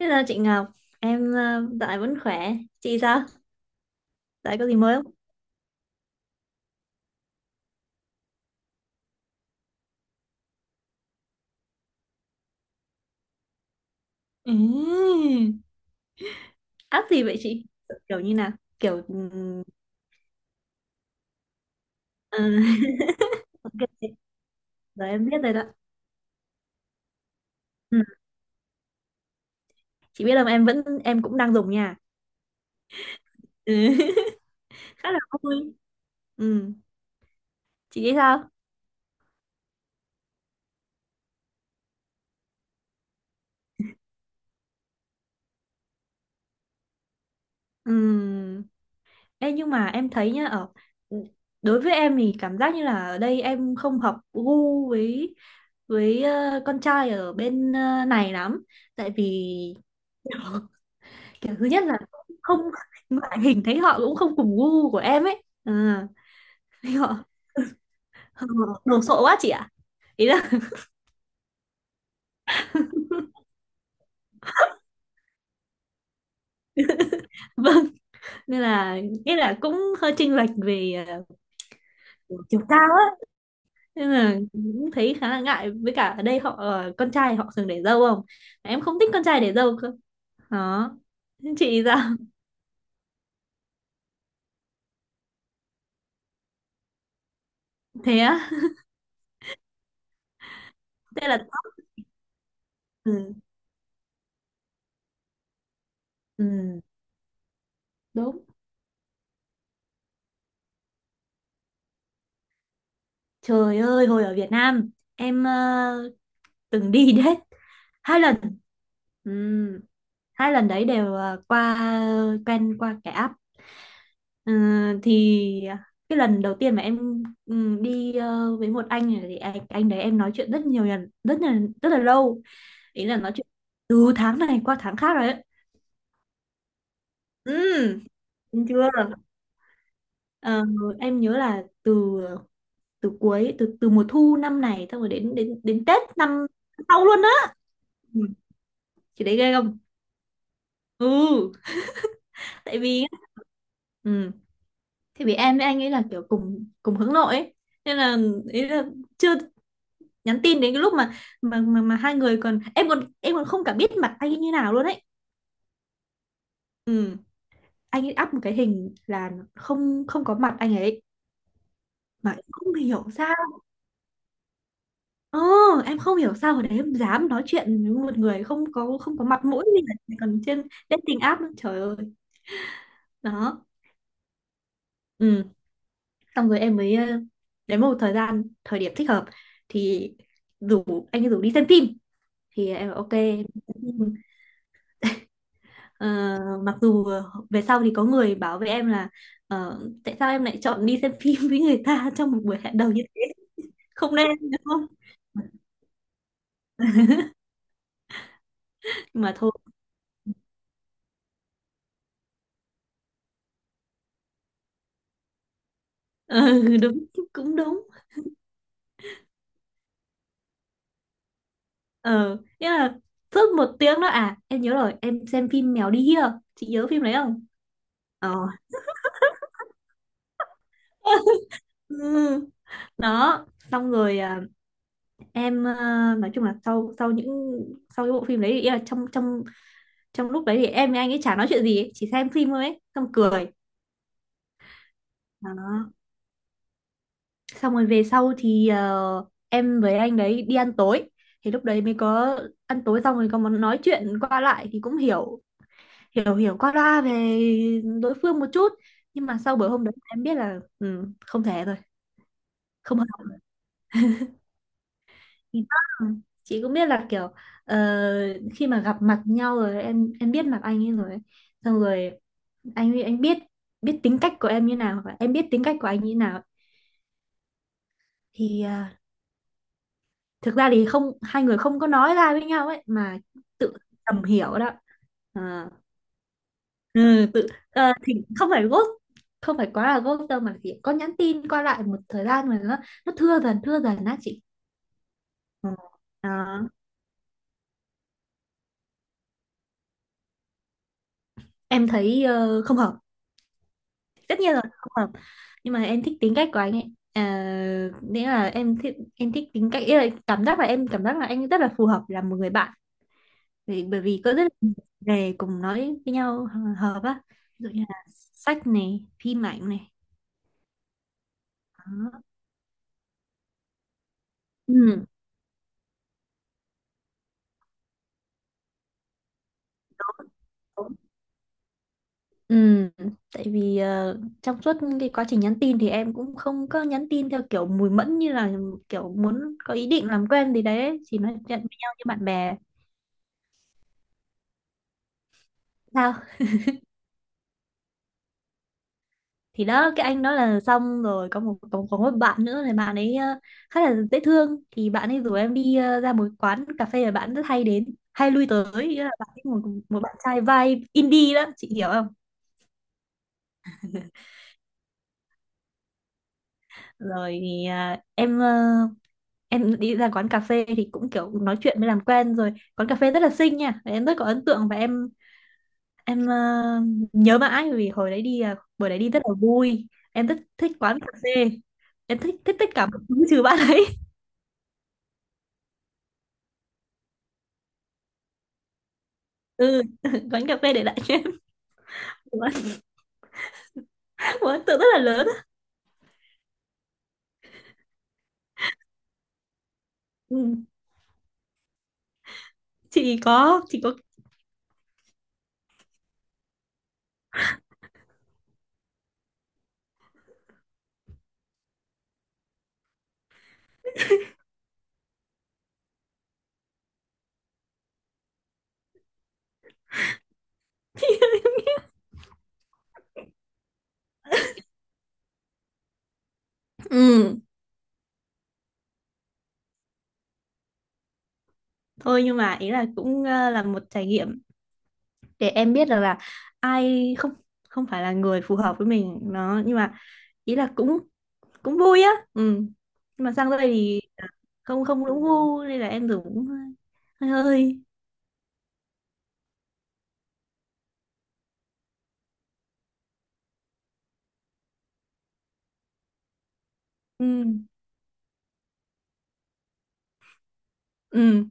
Hello chị Ngọc, em dạo này vẫn khỏe. Chị sao? Dạo này có gì mới không? Ừm, App gì vậy chị? Kiểu như nào? Kiểu ờ, ok, rồi em biết rồi đó. Ừ. Chị biết là em vẫn em cũng đang dùng nha. Ừ. Khá là vui. Ừ. Chị nghĩ sao? Ừ. Ê, nhưng mà em thấy nhá, ừ, đối với em thì cảm giác như là ở đây em không hợp gu với con trai ở bên này lắm. Tại vì kiểu thứ nhất là không ngoại hình thấy họ cũng không cùng gu của em ấy à, thấy họ đồ sộ quá chị ạ, ý là vâng, nên là nghĩa là cũng hơi chênh lệch về ờ, chiều cao á, nên là cũng thấy khá là ngại, với cả ở đây con trai họ thường để râu không, em không thích con trai để râu cơ, đó, chị sao? Thế á? Thế là ừ, ừ, đúng. Trời ơi, hồi ở Việt Nam em từng đi đến hai lần. Ừ. Hai lần đấy đều, à, qua quen qua cái app. Ờ, thì cái lần đầu tiên mà em đi với một anh này, thì anh đấy em nói chuyện rất nhiều lần, rất là lâu, ý là nói chuyện từ tháng này qua tháng khác rồi đấy. Ừ. Đúng chưa. Ờ, em nhớ là từ từ cuối, từ từ mùa thu năm này xong rồi đến đến đến Tết năm sau luôn á. Ừ, chị đấy ghê không. Ừ tại vì ừ, thì vì em với anh ấy là kiểu cùng cùng hướng nội ấy. Nên là, ý là chưa, nhắn tin đến cái lúc mà mà hai người còn, em còn không cả biết mặt anh ấy như nào luôn ấy. Ừ. Anh ấy up một cái hình là không không có mặt anh ấy, mà em không hiểu sao. ờ, em không hiểu sao hồi đấy em dám nói chuyện với một người không có mặt mũi gì cả, còn trên dating app nữa. Trời ơi. Đó. Ừ xong rồi em mới đến một thời điểm thích hợp thì rủ, anh ấy rủ đi xem phim, thì em bảo ok em xem phim. Ờ, mặc dù về sau thì có người bảo với em là tại sao em lại chọn đi xem phim với người ta trong một buổi hẹn đầu như thế, không nên đúng không. Mà thôi, ừ, đúng, cũng đúng. Ờ Nghĩa là suốt một tiếng đó, em nhớ rồi, em xem phim Mèo đi hia, chị nhớ phim đấy không. ờ ừ. Đó. Xong rồi, em nói chung là sau sau những sau cái bộ phim đấy thì, ý là trong trong trong lúc đấy thì em với anh ấy chả nói chuyện gì ấy, chỉ xem phim thôi ấy xong cười. Đó. Xong rồi về sau thì em với anh đấy đi ăn tối, thì lúc đấy mới có, ăn tối xong rồi có món nói chuyện qua lại thì cũng hiểu, hiểu qua loa về đối phương một chút. Nhưng mà sau bữa hôm đấy em biết là không thể rồi, không hợp. Thì đó, chị cũng biết là kiểu ờ, khi mà gặp mặt nhau rồi em biết mặt anh ấy rồi ấy. Xong rồi anh ấy biết biết tính cách của em như nào và em biết tính cách của anh như nào, thì thực ra thì không hai người không có nói ra với nhau ấy mà, tự tầm hiểu đó. Ờ, ừ, tự thì không phải ghost, không phải quá là ghost đâu, mà chỉ có nhắn tin qua lại một thời gian mà nó thưa dần, thưa dần á chị. Ờ, ờ, em thấy không hợp, tất nhiên rồi, không hợp. Nhưng mà em thích tính cách của anh ấy, nghĩa là em thích tính cách, ý là cảm giác là em cảm giác là anh rất là phù hợp làm một người bạn, bởi vì có rất là nhiều về cùng nói với nhau, hợp á, ví dụ như là sách này, phim ảnh này. Đó. Ừ. Ừ. Tại vì trong suốt cái quá trình nhắn tin thì em cũng không có nhắn tin theo kiểu mùi mẫn, như là kiểu muốn có ý định làm quen gì đấy, chỉ nói chuyện với nhau như bạn bè. Sao? Thì đó, cái anh đó là xong rồi có một bạn nữa, thì bạn ấy khá là dễ thương, thì bạn ấy rủ em đi ra một quán cà phê mà bạn rất hay đến, hay lui tới, ý là bạn ấy một một bạn trai vibe indie đó, chị hiểu không. Rồi thì em em đi ra quán cà phê thì cũng kiểu nói chuyện mới làm quen, rồi quán cà phê rất là xinh nha, và em rất có ấn tượng và em ờ, nhớ mãi, vì hồi đấy đi, buổi đấy đi rất là vui. Em rất thích quán cà phê, em thích thích tất cả mọi thứ trừ bạn ấy. Ừ. Quán cà phê để lại cho em một một ấn tượng rất là lớn á. Ừ. chị có. Ừ. Thôi, nhưng mà ý là cũng là một trải nghiệm để em biết được là ai, không không phải là người phù hợp với mình, nó, nhưng mà ý là cũng cũng vui á. Ừ. Nhưng mà sang đây thì không không đúng gu nên là em dùng cũng hơi hơi hơi. Ừ. Ừ.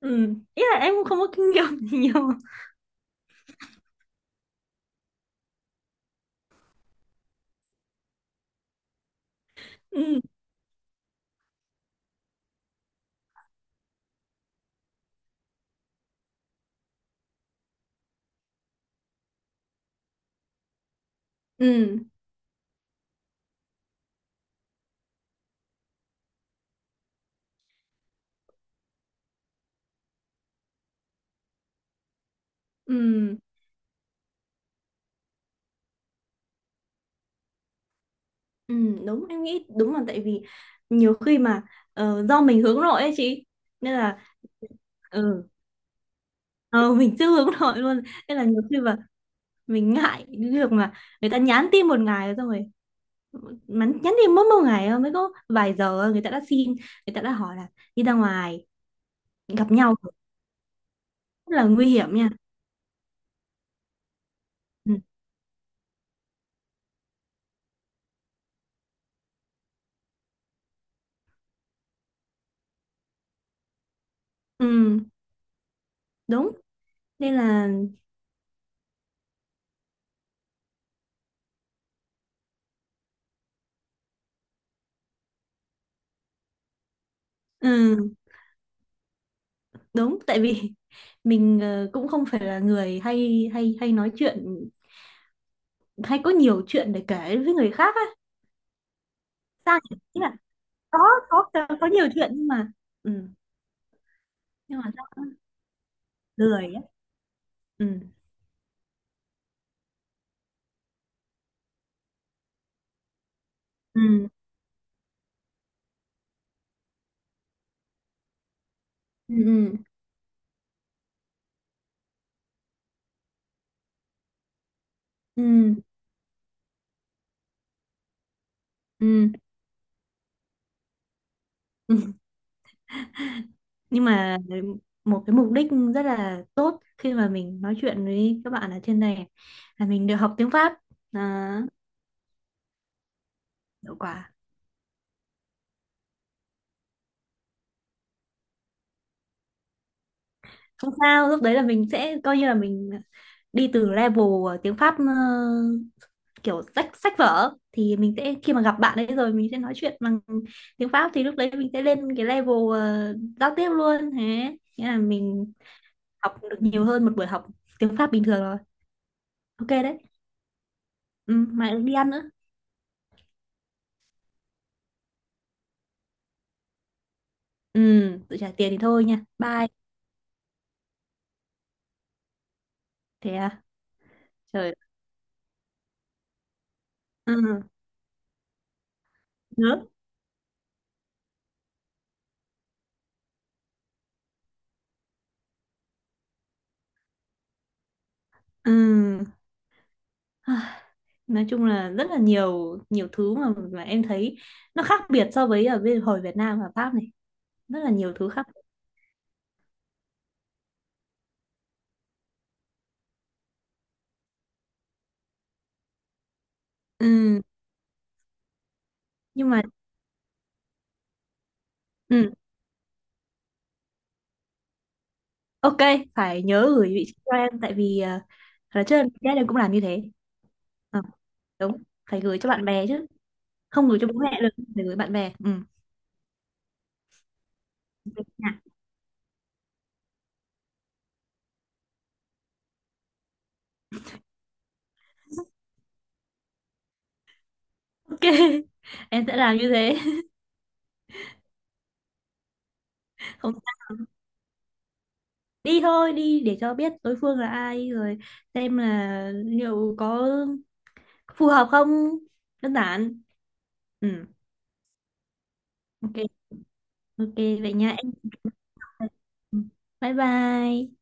Ừ. Ý là em cũng không có kinh nghiệm gì nhiều. Ừ. Ừ. Ừ. Ừ, đúng, em nghĩ đúng, là tại vì nhiều khi mà do mình hướng nội ấy chị, nên là ừ, ờ, mình chưa hướng nội luôn, nên là nhiều khi mà mình ngại cái việc mà người ta nhắn tin một ngày rồi xong rồi, mà nhắn tin mỗi một ngày thôi, mới có vài giờ thôi, người ta đã hỏi là đi ra ngoài gặp nhau, rất là nguy hiểm nha. Ừ, ừ, đúng. Nên là ừ, đúng. Tại vì mình cũng không phải là người hay hay hay nói chuyện, hay có nhiều chuyện để kể với người khác á. Sao nhỉ? Ý là có có có nhiều chuyện nhưng mà. Ừ. Nhưng mà sao cũng lười á. Ừ. Ừ. Ừ. Ừ. Ừ. Ừ. Ừ. Nhưng mà một cái mục đích rất là tốt khi mà mình nói chuyện với các bạn ở trên này là mình được học tiếng Pháp. à, Hiệu quả. Không sao, lúc đấy là mình sẽ coi như là mình đi từ level tiếng Pháp kiểu sách sách vở thì mình sẽ, khi mà gặp bạn ấy rồi mình sẽ nói chuyện bằng tiếng Pháp, thì lúc đấy mình sẽ lên cái level giao tiếp luôn, thế nghĩa là mình học được nhiều hơn một buổi học tiếng Pháp bình thường rồi. Ok đấy. Ừ, mà đi ăn nữa. Ừ, tự trả tiền thì thôi nha, bye. Thế à? Trời. Ừ, nữa. Ừ. Ai, nói chung là rất là nhiều nhiều thứ mà em thấy nó khác biệt so với ở bên hồi Việt Nam và Pháp này, rất là nhiều thứ khác. Ừ, nhưng mà. Ừ. Ok, phải nhớ gửi vị trí cho em, tại vì là trước em cũng làm như thế. Ờ, đúng, phải gửi cho bạn bè chứ, không gửi cho bố mẹ được, phải gửi bạn bè. Ừ. Dạ. Ok, em sẽ làm như thế. Không, đi thôi, đi để cho biết đối phương là ai rồi xem là liệu có phù hợp không, đơn giản. Ừ, ok, ok vậy nha em. Ừ. Bye bye.